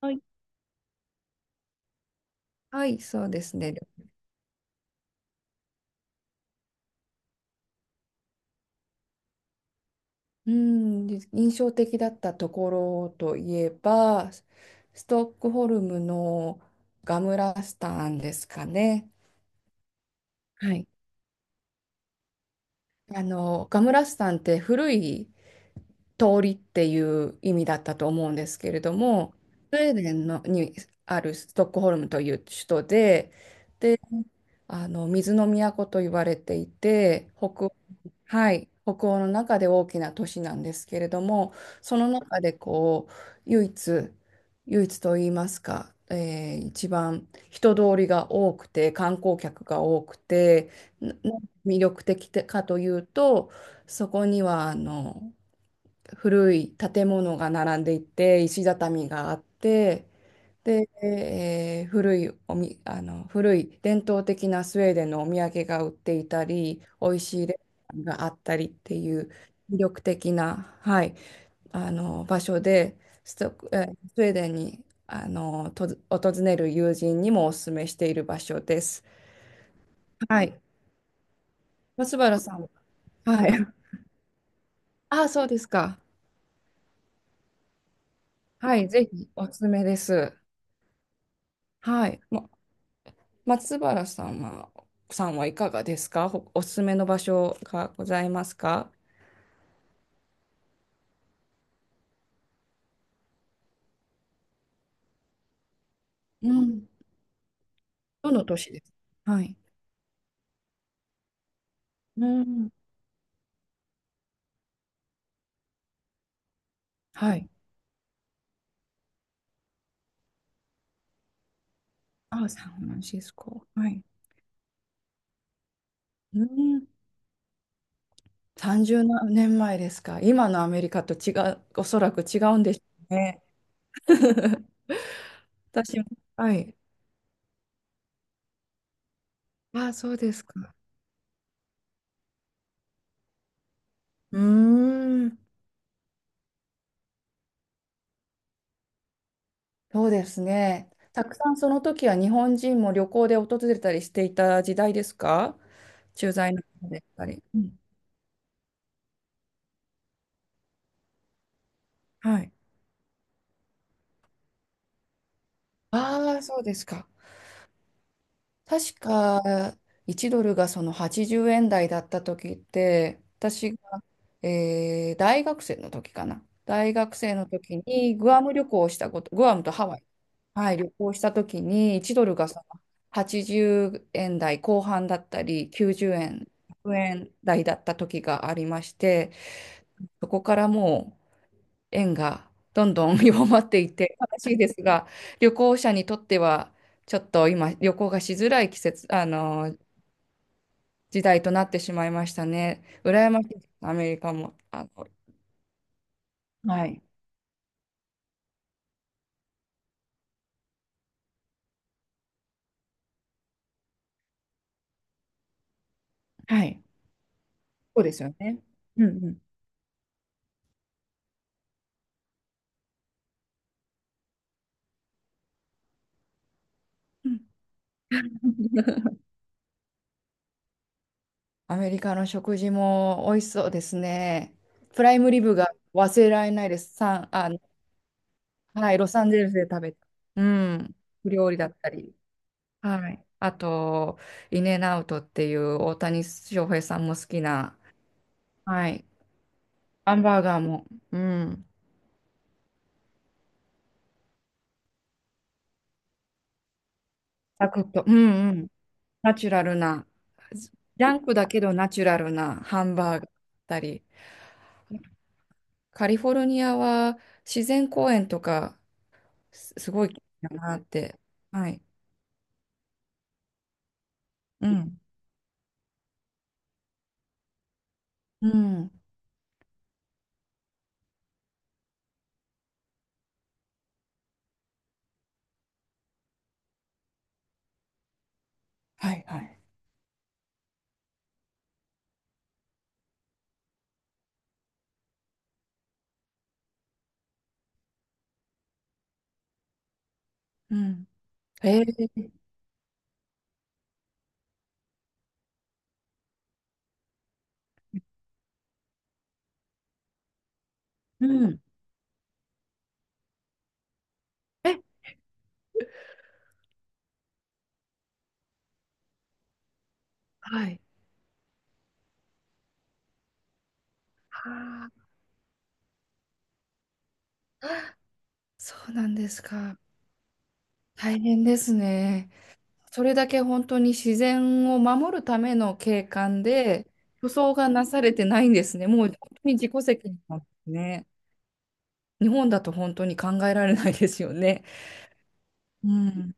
はい。はい、そうですね。うん、で印象的だったところといえば、ストックホルムのガムラスタンですかね。はい。ガムラスタンって古い通りっていう意味だったと思うんですけれども、スウェーデンのにあるストックホルムという首都で、で、水の都と言われていて、北欧、はい、北欧の中で大きな都市なんですけれども、その中でこう唯一、唯一と言いますか、一番人通りが多くて、観光客が多くて、なな魅力的かというと、そこには古い建物が並んでいて、石畳があって、で、えー古いおみ、あの、古い伝統的なスウェーデンのお土産が売っていたり、美味しいレストランがあったりっていう魅力的な、はい、あの場所で、スト、スウェーデンにあのと訪れる友人にもお勧めしている場所です。はい。松原さんは、はい。ああ、そうですか。はい、ぜひおすすめです。はい。松原さんはいかがですか？おすすめの場所がございますか？うん、どの都市ですか？はい。うん、はい。あ、サンフランシスコ。はい。うん。30年前ですか。今のアメリカと違う、おそらく違うんでしょうね。私も。はい。あ、そうですか。うーん。そうですね。たくさんその時は日本人も旅行で訪れたりしていた時代ですか？駐在の方でしたり。うん、はい。ああ、そうですか。確か、1ドルがその80円台だった時って、私が、大学生の時かな。大学生の時にグアム旅行をしたこと、グアムとハワイ、はい、旅行した時に1ドルがその80円台後半だったり、90円、100円台だった時がありまして、そこからもう、円がどんどん 弱まっていって悲しいですが、旅行者にとってはちょっと今旅行がしづらい季節、時代となってしまいましたね。羨ましいです、アメリカも。あの、はい。はい。そうですよね。うんうん。うん。アメリカの食事も美味しそうですね。プライムリブが忘れられないです。サン、あの、はい、ロサンゼルスで食べた。うん、料理だったり。はい。あと、インエンアウトっていう大谷翔平さんも好きな、はい。ハンバーガーも、うん。サクッと、うんうん。ナチュラルな、ジャンクだけどナチュラルなハンバーガーだったり、カリフォルニアは自然公園とか、すごい綺麗だなって。はい。うん。うん。はいはい。うん。えー、うん。はい。はあ、そうなんですか。大変ですね。それだけ本当に自然を守るための景観で、舗装がなされてないんですね。もう本当に自己責任なんですね。日本だと本当に考えられないですよね。うん。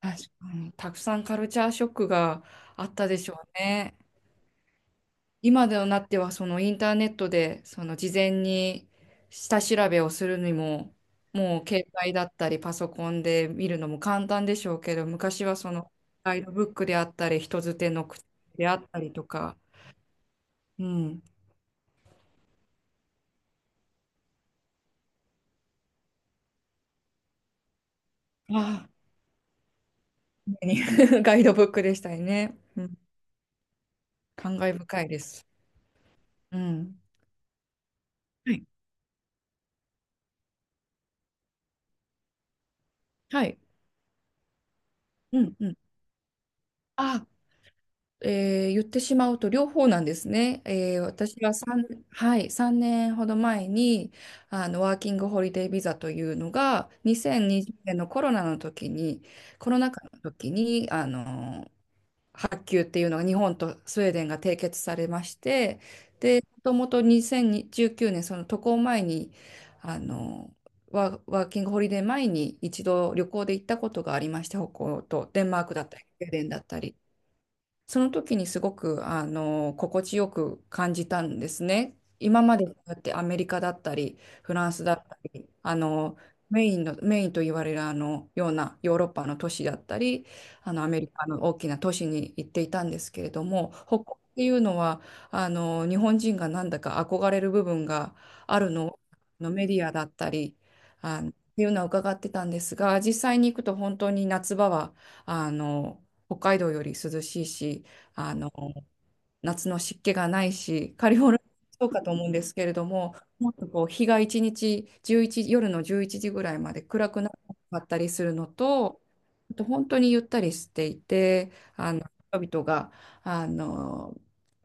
確かに。たくさんカルチャーショックがあったでしょうね。今でなってはそのインターネットでその事前に下調べをするにももう携帯だったりパソコンで見るのも簡単でしょうけど、昔はそのガイドブックであったり人づての口であったりとか、うん、ああ、常に ガイドブックでしたよね、うん、感慨深いです。うん、はい、はい、うんうん、あ言ってしまうと両方なんですね。私は3、はい、3年ほど前にワーキングホリデービザというのが2020年のコロナの時に、コロナ禍の時に発給っていうのが日本とスウェーデンが締結されまして、でもともと2019年その渡航前にあのワーキングホリデー前に一度旅行で行ったことがありまして、北欧とデンマークだったりスウェーデンだったり。その時にすごく心地よく感じたんですね。今までそうやってアメリカだったりフランスだったりメインのメインと言われるあのようなヨーロッパの都市だったりアメリカの大きな都市に行っていたんですけれども、北欧っていうのは日本人がなんだか憧れる部分があるの、メディアだったりっていうのは伺ってたんですが、実際に行くと本当に夏場はあの北海道より涼しいし、あの、夏の湿気がないし、カリフォルニアもそうかと思うんですけれども、もっとこう日が一日、11、夜の11時ぐらいまで暗くなかったりするのと、あと本当にゆったりしていて、あの、人々が、あの、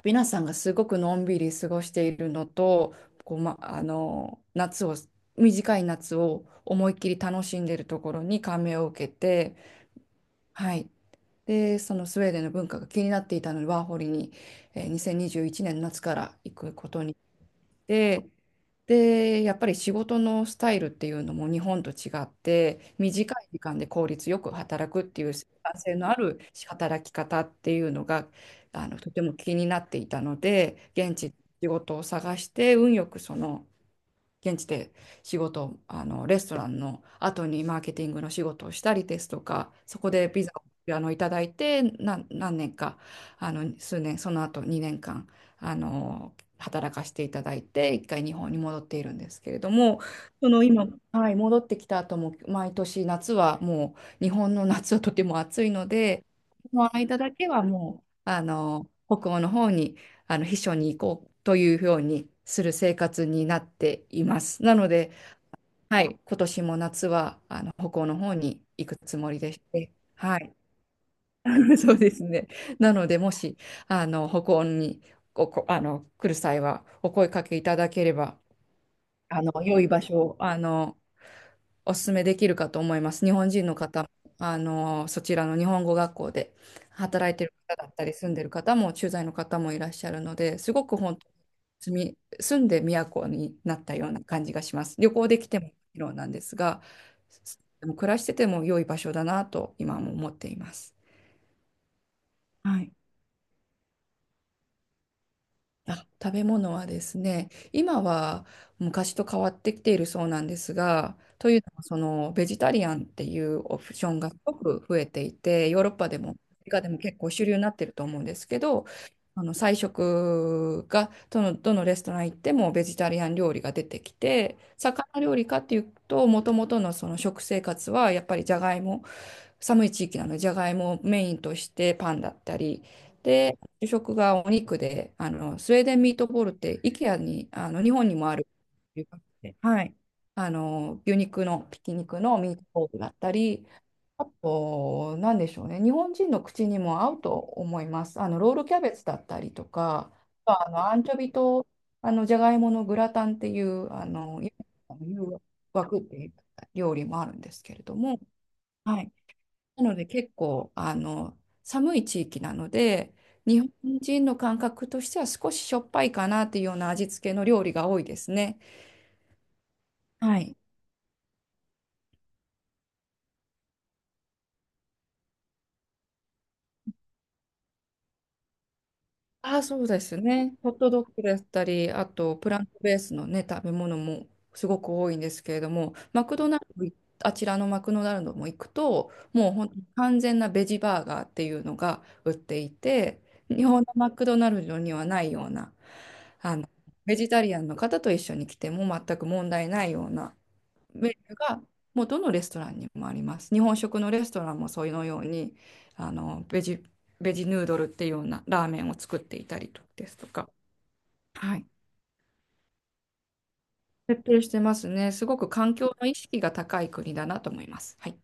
皆さんがすごくのんびり過ごしているのと、こう、ま、あの、短い夏を思いっきり楽しんでいるところに感銘を受けて、はい。で、そのスウェーデンの文化が気になっていたので、ワーホリに、2021年の夏から行くことにして、で、やっぱり仕事のスタイルっていうのも日本と違って、短い時間で効率よく働くっていう生産性のある働き方っていうのが、あの、とても気になっていたので、現地で仕事を探して、運よくその現地で仕事、あの、レストランの後にマーケティングの仕事をしたりですとか、そこでビザをいただいて、何年か、あの、数年、その後2年間、あの、働かせていただいて、一回日本に戻っているんですけれども、その今、はい、戻ってきた後も、毎年夏はもう、日本の夏はとても暑いので、その間だけはもう、あの、北欧の方に、秘書に行こうというようにする生活になっています。なので、はい、今年も夏は北欧の方に行くつもりでして、はい、そうですね。なので、もし北欧に、ここあの来る際はお声かけいただければ、良い場所をお勧めできるかと思います。日本人の方、あの、そちらの日本語学校で働いてる方だったり、住んでる方も、駐在の方もいらっしゃるので、すごく本当に住んで都になったような感じがします。旅行できてももちろんなんですが、でも暮らしてても良い場所だなと今も思っています。はい。あ、食べ物はですね、今は昔と変わってきているそうなんですが、というのもそのベジタリアンっていうオプションがすごく増えていて、ヨーロッパでも、アメリカでも結構主流になってると思うんですけど、あの菜食がどのレストラン行ってもベジタリアン料理が出てきて、魚料理かっていうと、もともとのその食生活はやっぱりじゃがいも、寒い地域なので、じゃがいもをメインとしてパンだったり、で、主食がお肉で、あの、スウェーデンミートボールって、イケアに、あの、日本にもある、はい、あの、牛肉の、ひき肉のミートボールだったり、あと、なんでしょうね、日本人の口にも合うと思います。あの、ロールキャベツだったりとか、あの、アンチョビと、あの、じゃがいものグラタンっていう、あの、誘惑っていう料理もあるんですけれども、はい、なので結構あの寒い地域なので、日本人の感覚としては少ししょっぱいかなっていうような味付けの料理が多いですね。はい。ああ、そうですね。ホットドッグだったり、あとプラントベースのね、食べ物もすごく多いんですけれども、マクドナルドい、あちらのマクドナルドも行くと、もう本当に完全なベジバーガーっていうのが売っていて、日本のマクドナルドにはないような、あの、ベジタリアンの方と一緒に来ても全く問題ないようなメニューがもうどのレストランにもあります。日本食のレストランもそういうのようにあのベジ、ベジヌードルっていうようなラーメンを作っていたりとですとか、はい、徹底してますね。すごく環境の意識が高い国だなと思います。はい。